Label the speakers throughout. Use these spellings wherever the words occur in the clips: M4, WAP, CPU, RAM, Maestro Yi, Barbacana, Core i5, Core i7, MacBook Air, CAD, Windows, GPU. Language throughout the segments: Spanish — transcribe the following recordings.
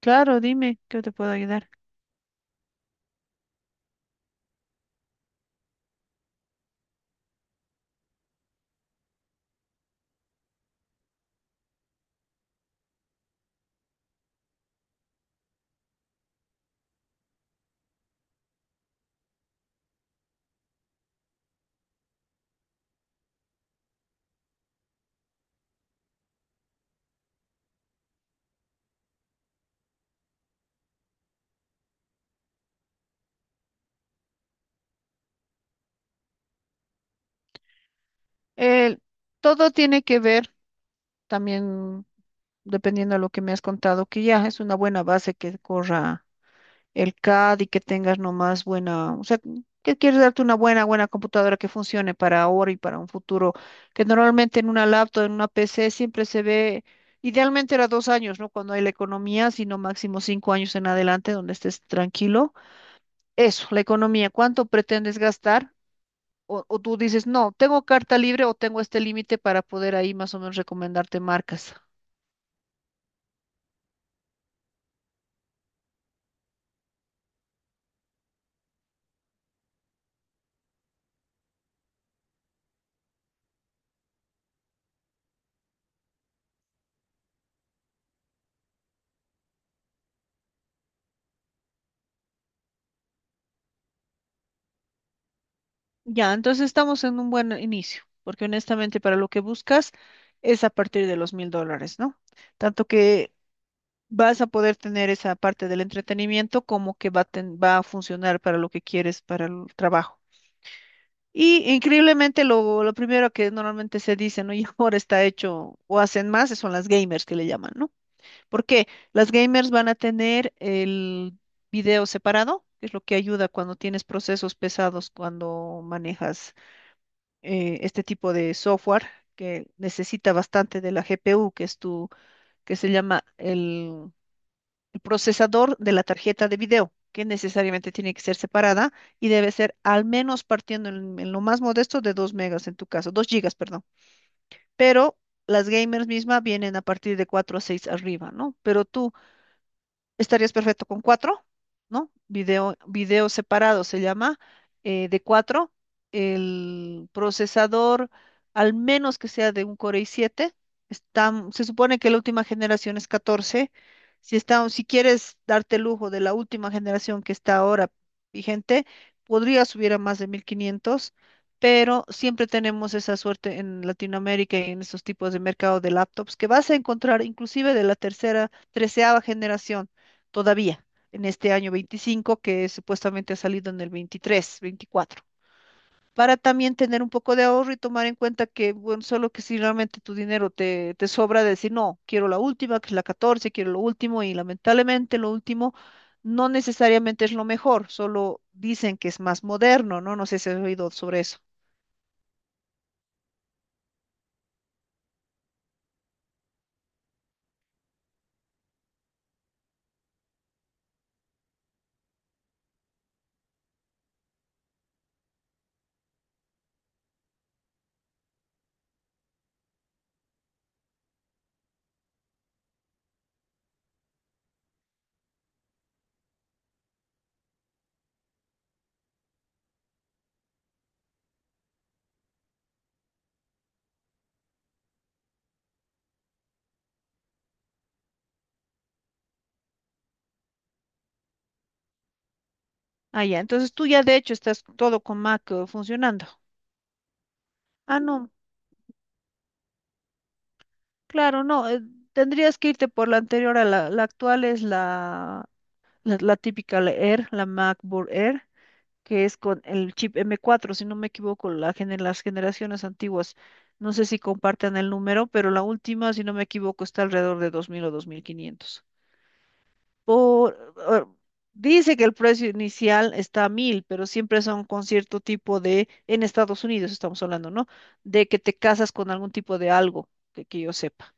Speaker 1: Claro, dime, ¿qué te puedo ayudar? El- Todo tiene que ver también, dependiendo de lo que me has contado, que ya es una buena base que corra el CAD y que tengas nomás buena, o sea, que quieres darte una buena, buena computadora que funcione para ahora y para un futuro, que normalmente en una laptop, en una PC siempre se ve, idealmente era 2 años, ¿no? Cuando hay la economía, sino máximo 5 años en adelante donde estés tranquilo. Eso, la economía, ¿cuánto pretendes gastar? O tú dices, no, tengo carta libre o tengo este límite para poder ahí más o menos recomendarte marcas. Ya, entonces estamos en un buen inicio, porque honestamente para lo que buscas es a partir de los $1.000, ¿no? Tanto que vas a poder tener esa parte del entretenimiento como que va a funcionar para lo que quieres, para el trabajo. Y increíblemente lo primero que normalmente se dice, ¿no? Y ahora está hecho o hacen más, son las gamers que le llaman, ¿no? Porque las gamers van a tener el video separado, que es lo que ayuda cuando tienes procesos pesados, cuando manejas este tipo de software que necesita bastante de la GPU, que es tu, que se llama el procesador de la tarjeta de video, que necesariamente tiene que ser separada y debe ser al menos partiendo en lo más modesto de 2 megas en tu caso, 2 gigas, perdón. Pero las gamers mismas vienen a partir de 4 a 6 arriba, ¿no? Pero tú estarías perfecto con cuatro, ¿no? Video, video separado se llama, de cuatro. El procesador, al menos que sea de un Core i7, está, se supone que la última generación es 14. Si, está, si quieres darte el lujo de la última generación que está ahora vigente, podría subir a más de 1.500, pero siempre tenemos esa suerte en Latinoamérica y en esos tipos de mercado de laptops que vas a encontrar inclusive de la tercera, treceava generación todavía en este año 25 que supuestamente ha salido en el 23 24 para también tener un poco de ahorro y tomar en cuenta que, bueno, solo que si realmente tu dinero te sobra, decir, no, quiero la última, que es la 14, quiero lo último, y lamentablemente lo último no necesariamente es lo mejor, solo dicen que es más moderno, ¿no? No sé si has oído sobre eso. Ah, ya, entonces tú ya de hecho estás todo con Mac funcionando. Ah, no, claro, no, tendrías que irte por la anterior a la actual, es la típica, la Air, la MacBook Air, que es con el chip M4, si no me equivoco, las generaciones antiguas. No sé si compartan el número, pero la última, si no me equivoco, está alrededor de 2.000 o 2.500. Por, eh, Dice que el precio inicial está a 1.000, pero siempre son con cierto tipo de, en Estados Unidos estamos hablando, ¿no? De que te casas con algún tipo de algo, que yo sepa.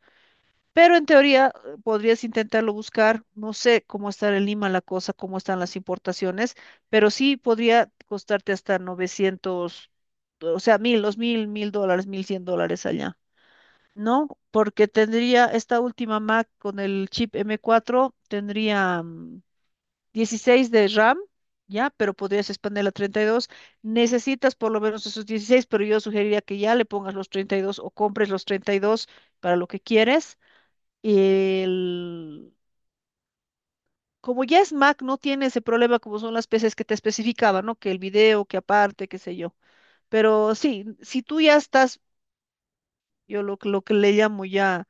Speaker 1: Pero en teoría podrías intentarlo buscar, no sé cómo está en Lima la cosa, cómo están las importaciones, pero sí podría costarte hasta 900, o sea, mil, dos mil, mil dólares, $1.100 allá, ¿no? Porque tendría esta última Mac con el chip M4, tendría 16 de RAM, ya, pero podrías expandirla a 32. Necesitas por lo menos esos 16, pero yo sugeriría que ya le pongas los 32 o compres los 32 para lo que quieres el, como ya es Mac, no tiene ese problema como son las PCs que te especificaba, ¿no? Que el video, que aparte, qué sé yo. Pero sí, si tú ya estás, lo que le llamo ya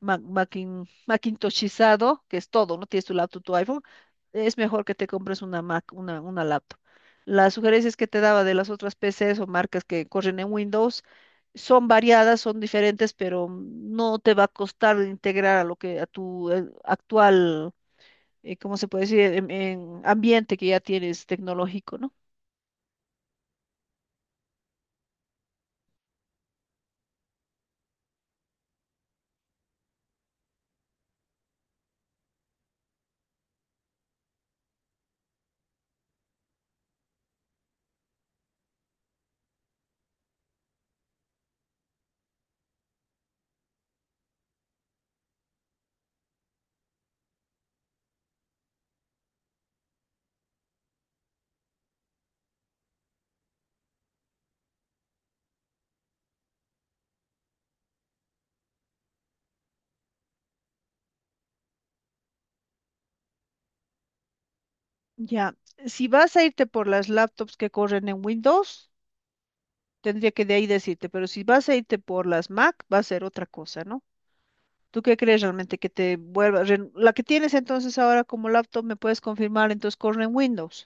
Speaker 1: Macintoshizado, que es todo, ¿no? Tienes tu laptop, tu iPhone, es mejor que te compres una Mac, una laptop. Las sugerencias que te daba de las otras PCs o marcas que corren en Windows son variadas, son diferentes, pero no te va a costar integrar a lo que a tu actual ¿cómo se puede decir? En ambiente que ya tienes tecnológico, ¿no? Ya, si vas a irte por las laptops que corren en Windows, tendría que de ahí decirte, pero si vas a irte por las Mac, va a ser otra cosa, ¿no? ¿Tú qué crees realmente que te vuelva? La que tienes entonces ahora como laptop, ¿me puedes confirmar? Entonces corre en Windows.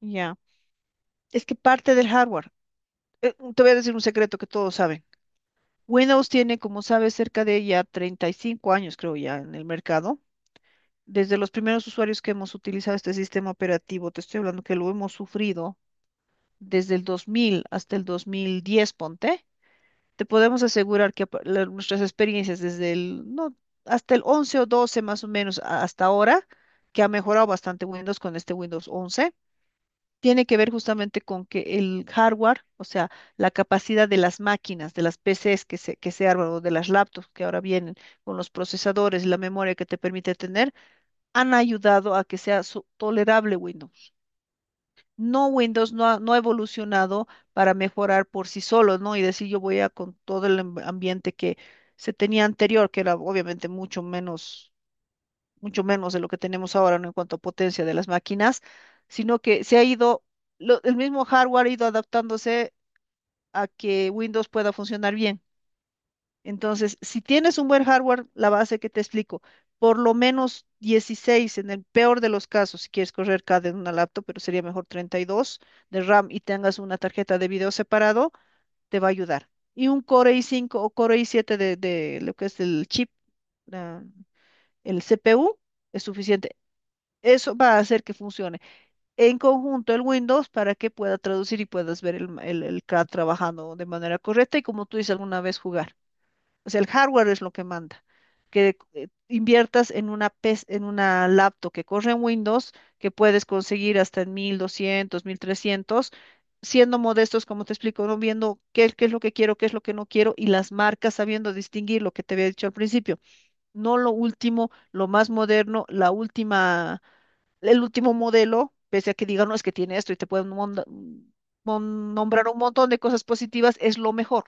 Speaker 1: Ya. Es que parte del hardware. Te voy a decir un secreto que todos saben. Windows tiene, como sabes, cerca de ya 35 años, creo ya, en el mercado. Desde los primeros usuarios que hemos utilizado este sistema operativo, te estoy hablando que lo hemos sufrido desde el 2000 hasta el 2010, ponte, te podemos asegurar que nuestras experiencias desde el, no, hasta el 11 o 12 más o menos hasta ahora, que ha mejorado bastante Windows con este Windows 11, tiene que ver justamente con que el hardware, o sea, la capacidad de las máquinas, de las PCs que se arman o de las laptops que ahora vienen con los procesadores y la memoria que te permite tener, han ayudado a que sea tolerable Windows. No, Windows no ha evolucionado para mejorar por sí solo, ¿no? Y decir yo voy a con todo el ambiente que se tenía anterior, que era obviamente mucho menos de lo que tenemos ahora, ¿no? En cuanto a potencia de las máquinas, sino que se ha ido, el mismo hardware ha ido adaptándose a que Windows pueda funcionar bien. Entonces, si tienes un buen hardware, la base que te explico, por lo menos 16 en el peor de los casos, si quieres correr CAD en una laptop, pero sería mejor 32 de RAM y tengas una tarjeta de video separado, te va a ayudar. Y un Core i5 o Core i7 de lo que es el chip, la- el CPU, es suficiente. Eso va a hacer que funcione en conjunto el Windows para que pueda traducir y puedas ver el CAD trabajando de manera correcta y como tú dices alguna vez jugar. O sea, el hardware es lo que manda. Que inviertas en en una laptop que corre en Windows, que puedes conseguir hasta en mil doscientos mil trescientos siendo modestos, como te explico, no viendo qué es lo que quiero, qué es lo que no quiero, y las marcas sabiendo distinguir lo que te había dicho al principio. No lo último, lo más moderno, la última, el último modelo, pese a que digan, no, es que tiene esto y te pueden nombrar un montón de cosas positivas, es lo mejor.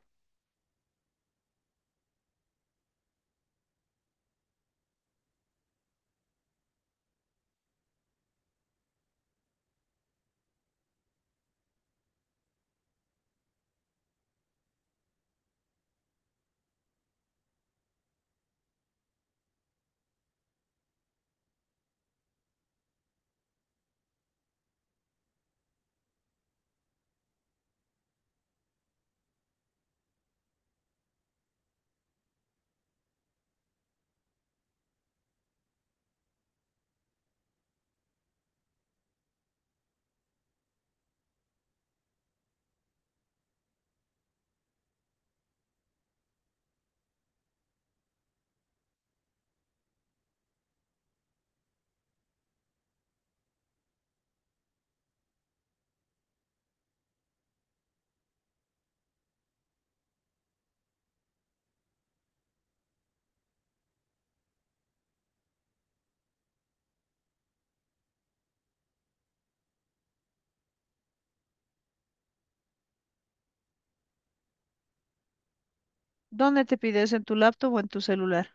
Speaker 1: ¿Dónde te pides? ¿En tu laptop o en tu celular?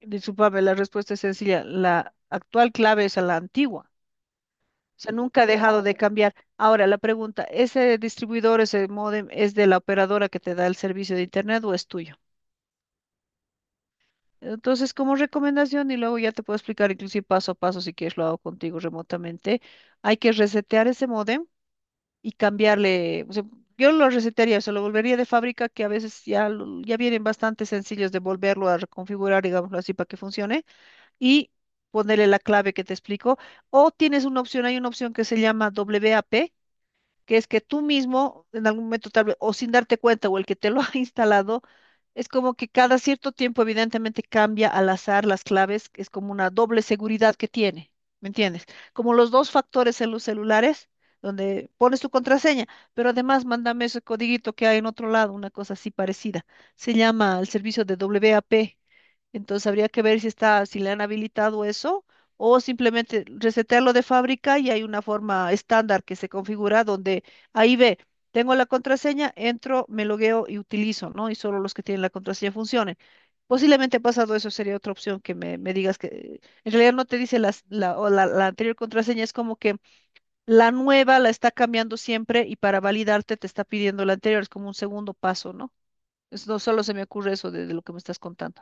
Speaker 1: Discúlpame, la respuesta es sencilla. La actual clave es a la antigua. O sea, nunca ha dejado de cambiar. Ahora, la pregunta, ¿ese distribuidor, ese módem, es de la operadora que te da el servicio de internet o es tuyo? Entonces, como recomendación, y luego ya te puedo explicar inclusive paso a paso, si quieres lo hago contigo remotamente, hay que resetear ese módem y cambiarle, o sea, yo lo resetearía, o sea, lo volvería de fábrica, que a veces ya, ya vienen bastante sencillos de volverlo a reconfigurar, digámoslo así, para que funcione y ponerle la clave que te explico. O tienes una opción, hay una opción que se llama WAP, que es que tú mismo, en algún momento tal vez, o sin darte cuenta, o el que te lo ha instalado, es como que cada cierto tiempo, evidentemente, cambia al azar las claves, que es como una doble seguridad que tiene, ¿me entiendes? Como los dos factores en los celulares, donde pones tu contraseña, pero además mándame ese codiguito que hay en otro lado, una cosa así parecida. Se llama el servicio de WAP. Entonces habría que ver si está, si le han habilitado eso o simplemente resetearlo de fábrica y hay una forma estándar que se configura donde ahí ve, tengo la contraseña, entro, me logueo y utilizo, ¿no? Y solo los que tienen la contraseña funcionen. Posiblemente ha pasado eso, sería otra opción que me digas que en realidad no te dice la, o la anterior contraseña, es como que la nueva la está cambiando siempre y para validarte te está pidiendo la anterior, es como un segundo paso, ¿no? No solo se me ocurre eso de lo que me estás contando.